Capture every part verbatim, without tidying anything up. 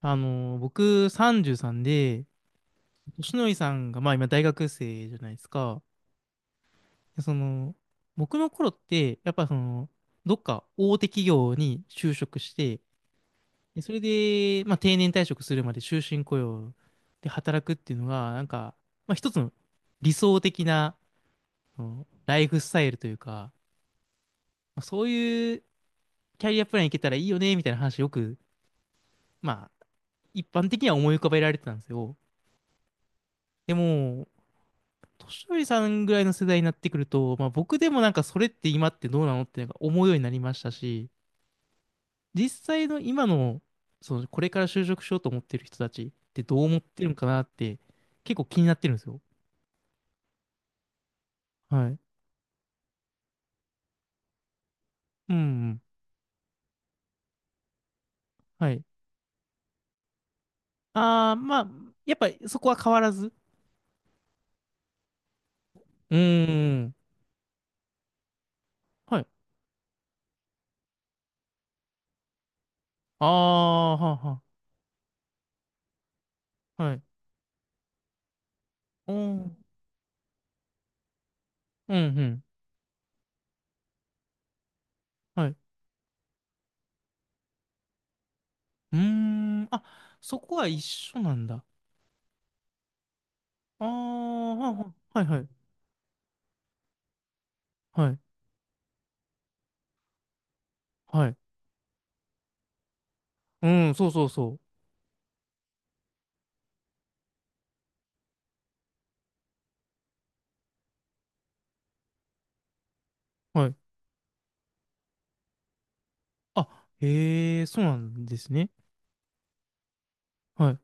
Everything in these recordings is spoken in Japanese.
あの、僕さんじゅうさんで、としのりさんが、まあ今大学生じゃないですか。でその、僕の頃って、やっぱその、どっか大手企業に就職して、でそれで、まあ定年退職するまで終身雇用で働くっていうのが、なんか、まあ一つの理想的な、そのライフスタイルというか、まあ、そういうキャリアプランいけたらいいよね、みたいな話よく、まあ一般的には思い浮かべられてたんですよ。でも、年寄りさんぐらいの世代になってくると、まあ、僕でもなんかそれって今ってどうなのってなんか思うようになりましたし、実際の今の、そのこれから就職しようと思ってる人たちってどう思ってるのかなって結構気になってるんですよ。はい。うんうん。はい。ああ、まあ、やっぱりそこは変わらず。うーん。はい。ああ、はあはあ。はい。おー。うんうん。はい。うーん。あ、そこは一緒なんだ。ああ、はあはあはいはい。はい。はい。うん、そうそうそう。はい。あ、へえ、そうなんですね。はい。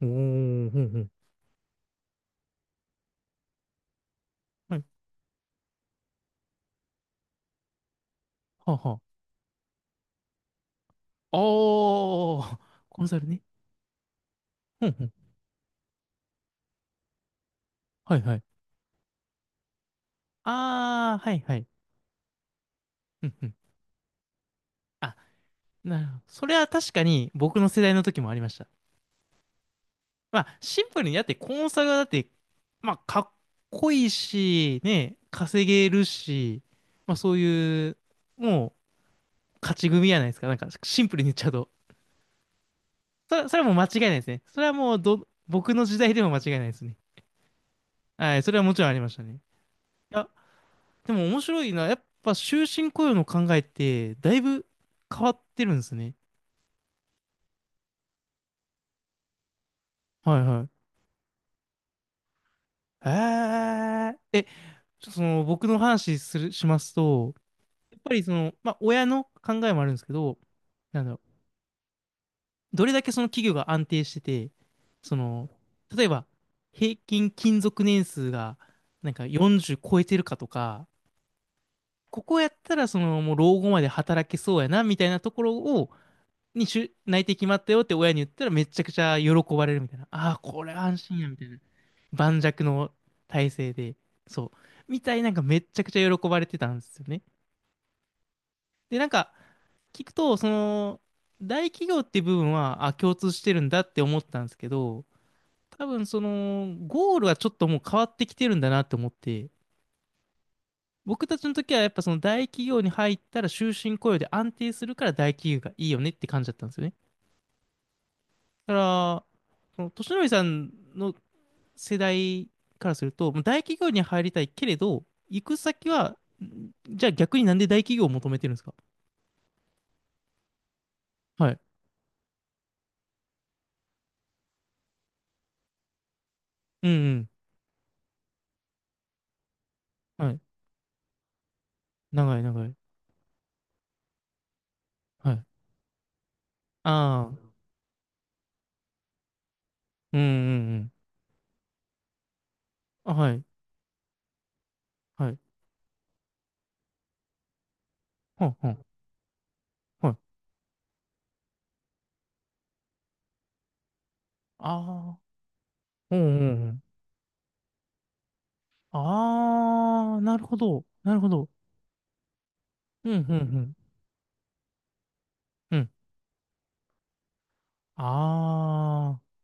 おー、ほんほん。はい。はあはあ。おー、コンサルね。ほんほん。はいはい。あー、はいはい。うんうん。あ、なるほど。それは確かに僕の世代の時もありました。まあ、シンプルに、だってコンサルはだって、まあ、かっこいいし、ね、稼げるし、まあそういう、もう、勝ち組やないですか。なんか、シンプルに言っちゃうと。それ、それはもう間違いないですね。それはもうど、僕の時代でも間違いないですね。はい、それはもちろんありましたね。いや、でも面白いな。やっぱ終身雇用の考えって、だいぶ変わってるんですね。はいはい。えー、え、ちょっとその、僕の話する、しますと、やっぱりその、まあ、親の考えもあるんですけど、なんだろう、どれだけその企業が安定してて、その、例えば、平均勤続年数が、なんかよんじゅう超えてるかとか、ここやったら、その、もう老後まで働けそうやな、みたいなところを、にし内定決まったよって親に言ったらめちゃくちゃ喜ばれるみたいな。ああ、これ安心や、みたいな。盤石の体制で。そう。みたいなんかめちゃくちゃ喜ばれてたんですよね。で、なんか、聞くと、その、大企業っていう部分は、あ、共通してるんだって思ったんですけど、多分その、ゴールはちょっともう変わってきてるんだなって思って、僕たちの時はやっぱその大企業に入ったら終身雇用で安定するから大企業がいいよねって感じだったんですよね。だから、その、年寄さんの世代からすると、もう大企業に入りたいけれど、行く先は、んじゃあ逆になんで大企業を求めてるんですか？はい。うんうん。はい。長い長い。はい。ああ。うんうんうん。あ、はい。はい。はんはん。はい。ああ。うんうんうん。ああ、なるほど。なるほど。うんうんうん。うんああ。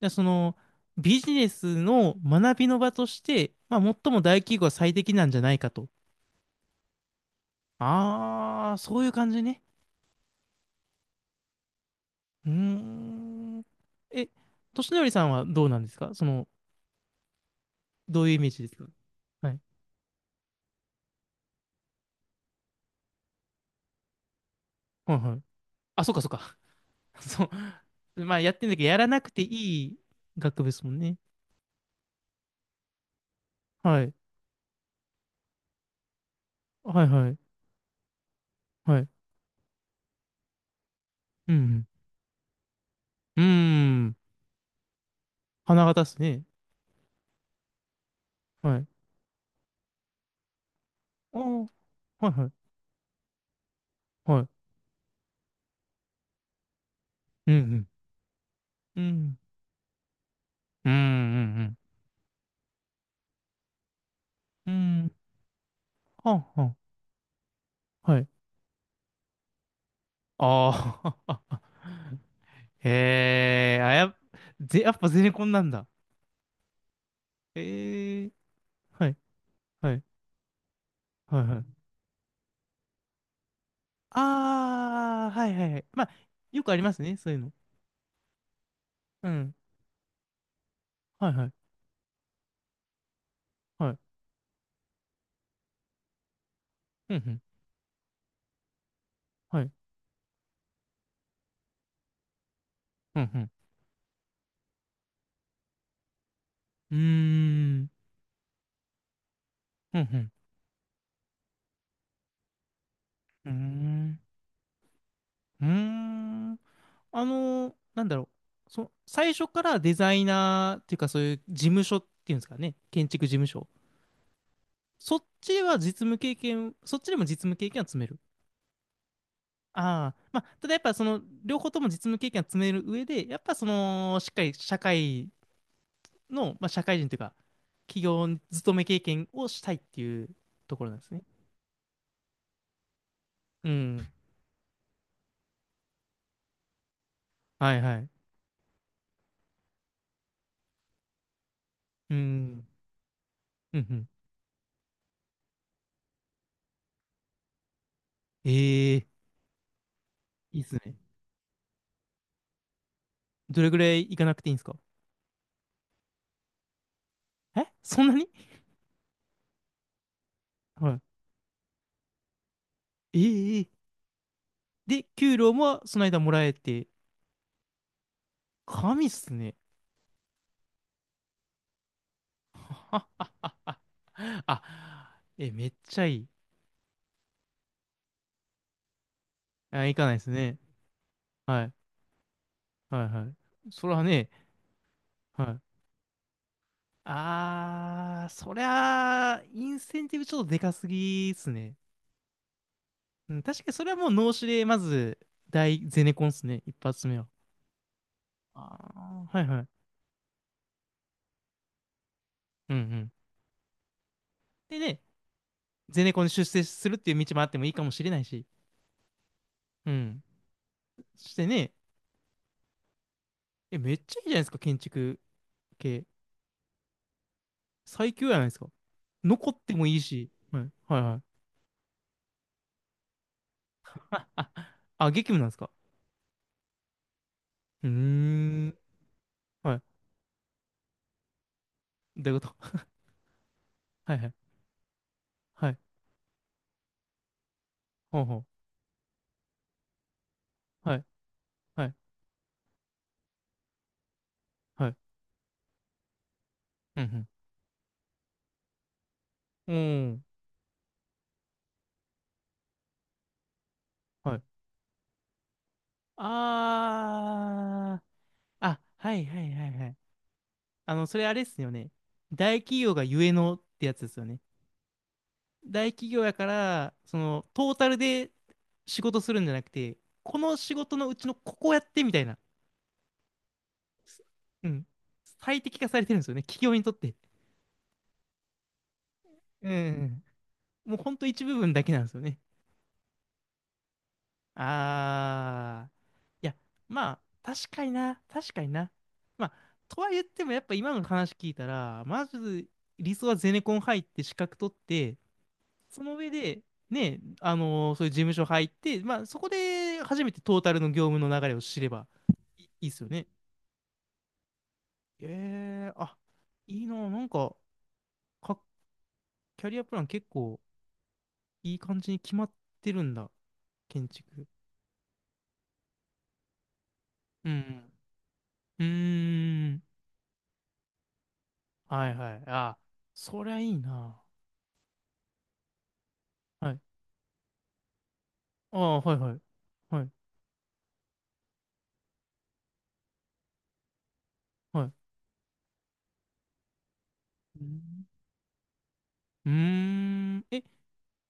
じゃあその、ビジネスの学びの場として、まあ、最も大企業は最適なんじゃないかと。ああ、そういう感じね。うーん。え、としのりさんはどうなんですか？その、どういうイメージですか？はい。はいはい。あ、そっかそっか。そう。まあ、やってんだけど、やらなくていい学部ですもんね。はい。はいはい。はい。うん。うん。うーん。花形っすね。はい。ああ、はいはい。はい。うんうん。うんうんうんうん。うん。はんはん。はい。ああ。へえ、あ、やっ、ぜ、やっぱゼネコンなんだ。ええ、はい、はい、はい、はい。ああ、はいはいはい。まあ、よくありますね、そういうの。うん。はいはい、はい。うんうん。はい。うんうん。うーん。うんうん。うーん。うーん。あのー、なんだろう。そ、最初からデザイナーっていうか、そういう事務所っていうんですかね。建築事務所。そっちでは実務経験、そっちでも実務経験は積める。ああ、まあ、ただやっぱその、両方とも実務経験は積める上で、やっぱその、しっかり社会の、まあ、社会人というか、企業勤め経験をしたいっていうところなんですね。うん。はいはい。うん。うんうん。ええ、いいっすね。どれぐらい行かなくていいんですか？えそんなにはい。ええ、で、給料もその間もらえて、神っすね。あ、あ、え、めっちゃいい。あ、行かないですね。はい。はいはい。それはね、はい。あー、そりゃあ、インセンティブちょっとでかすぎっすね。うん、確かにそれはもう脳死で、まず、大ゼネコンっすね。一発目は。あー、はいはい。うんうん。でね、ゼネコンに出世するっていう道もあってもいいかもしれないし。うん。そしてね、え、めっちゃいいじゃないですか、建築系。最強じゃないですか。残ってもいいし。はいはいはい。あ、あ、あ激務なんですか？うーん。はい、どういうこと？ はいはい。はい。ほうほう。はい。はい。はい。うんうん。うん。はい。あー。あ、はいはいはいはい。あの、それあれっすよね。大企業がゆえのってやつですよね。大企業やから、その、トータルで仕事するんじゃなくて、この仕事のうちのここやってみたいな。すうん。最適化されてるんですよね。企業にとって。うんうんうん。もうほんと一部分だけなんですよね。ああ、いや、まあ、確かにな、確かにな。まあ、とは言っても、やっぱ今の話聞いたら、まず理想はゼネコン入って資格取って、その上で、ね、あのーそういう事務所入って、まあ、そこで初めてトータルの業務の流れを知ればいいいっすよね。えー、あ、いいな、なんか、か、キャリアプラン結構いい感じに決まってるんだ、建築。うんうん。うーん。はいはい。あ、そりゃいいな。はい。ああ、はいはい。はい、はい。うん。うーん。え、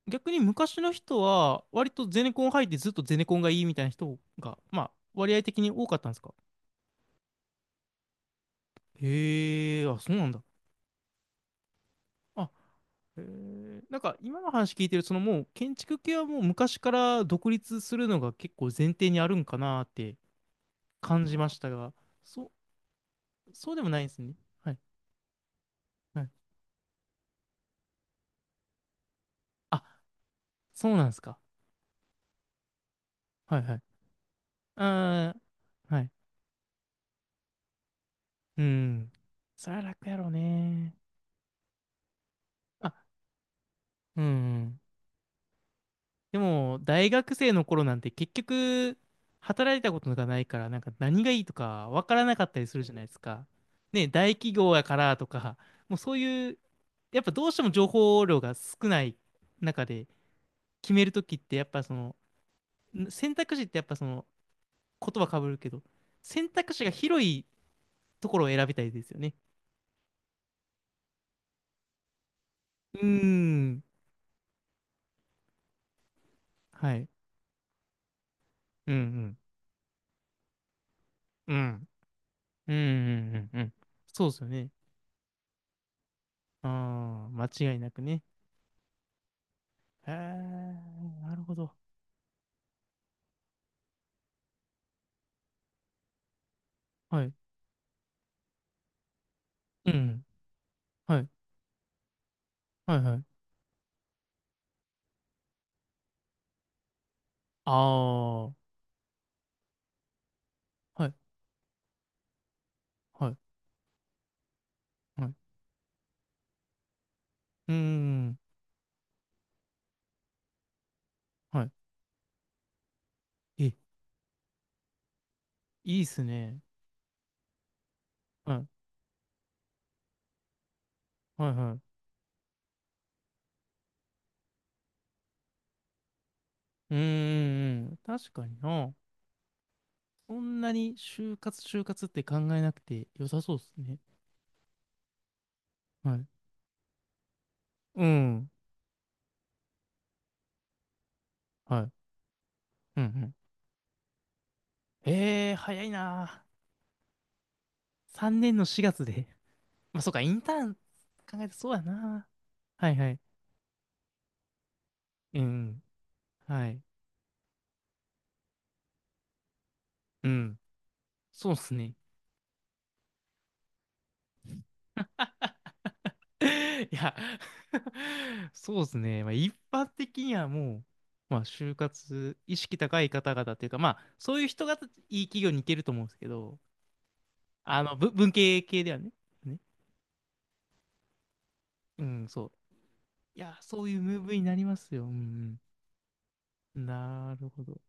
逆に昔の人は、割とゼネコン入ってずっとゼネコンがいいみたいな人が、まあ、割合的に多かったんですか？へえ、あ、そうなんだ。あ、へえ。なんか、今の話聞いてる、そのもう、建築系はもう昔から独立するのが結構前提にあるんかなって感じましたが、そ、そうでもないんですね。はい、はい。あ、そうなんですか？はいはい。ああ、はい。うん。そりゃ楽やろうね。あ、うん。でも、大学生の頃なんて結局、働いたことがないから、なんか何がいいとかわからなかったりするじゃないですか。ね、大企業やからとか、もうそういう、やっぱどうしても情報量が少ない中で決めるときって、やっぱその、ん選択肢ってやっぱその、言葉かぶるけど、選択肢が広いところを選びたいですよね。うーん。はい。うんうん。うん。うんうんうんうん。そうですよね。ああ、間違いなくね。へえ、なるほど。はい。うん。はい。はいはい。ああ、はい。はい。はい。うーん。はい。え、いいっすね。はい。はいはい。うーん。確かにな。そんなに就活就活って考えなくて良さそうっすね。はい。うん。はい。うんうん。ええ、早いな。さんねんのしがつで。まあ、そうか、インターン考えてそうやな。はいはい。うん。はい。うん。そうですね。いや そうですね。まあ、一般的にはもう、まあ、就活意識高い方々というか、まあ、そういう人がいい企業に行けると思うんですけど、あの、ぶ文系系ではね。ね。うん、そう。いや、そういうムーブになりますよ。うんうん。なるほど。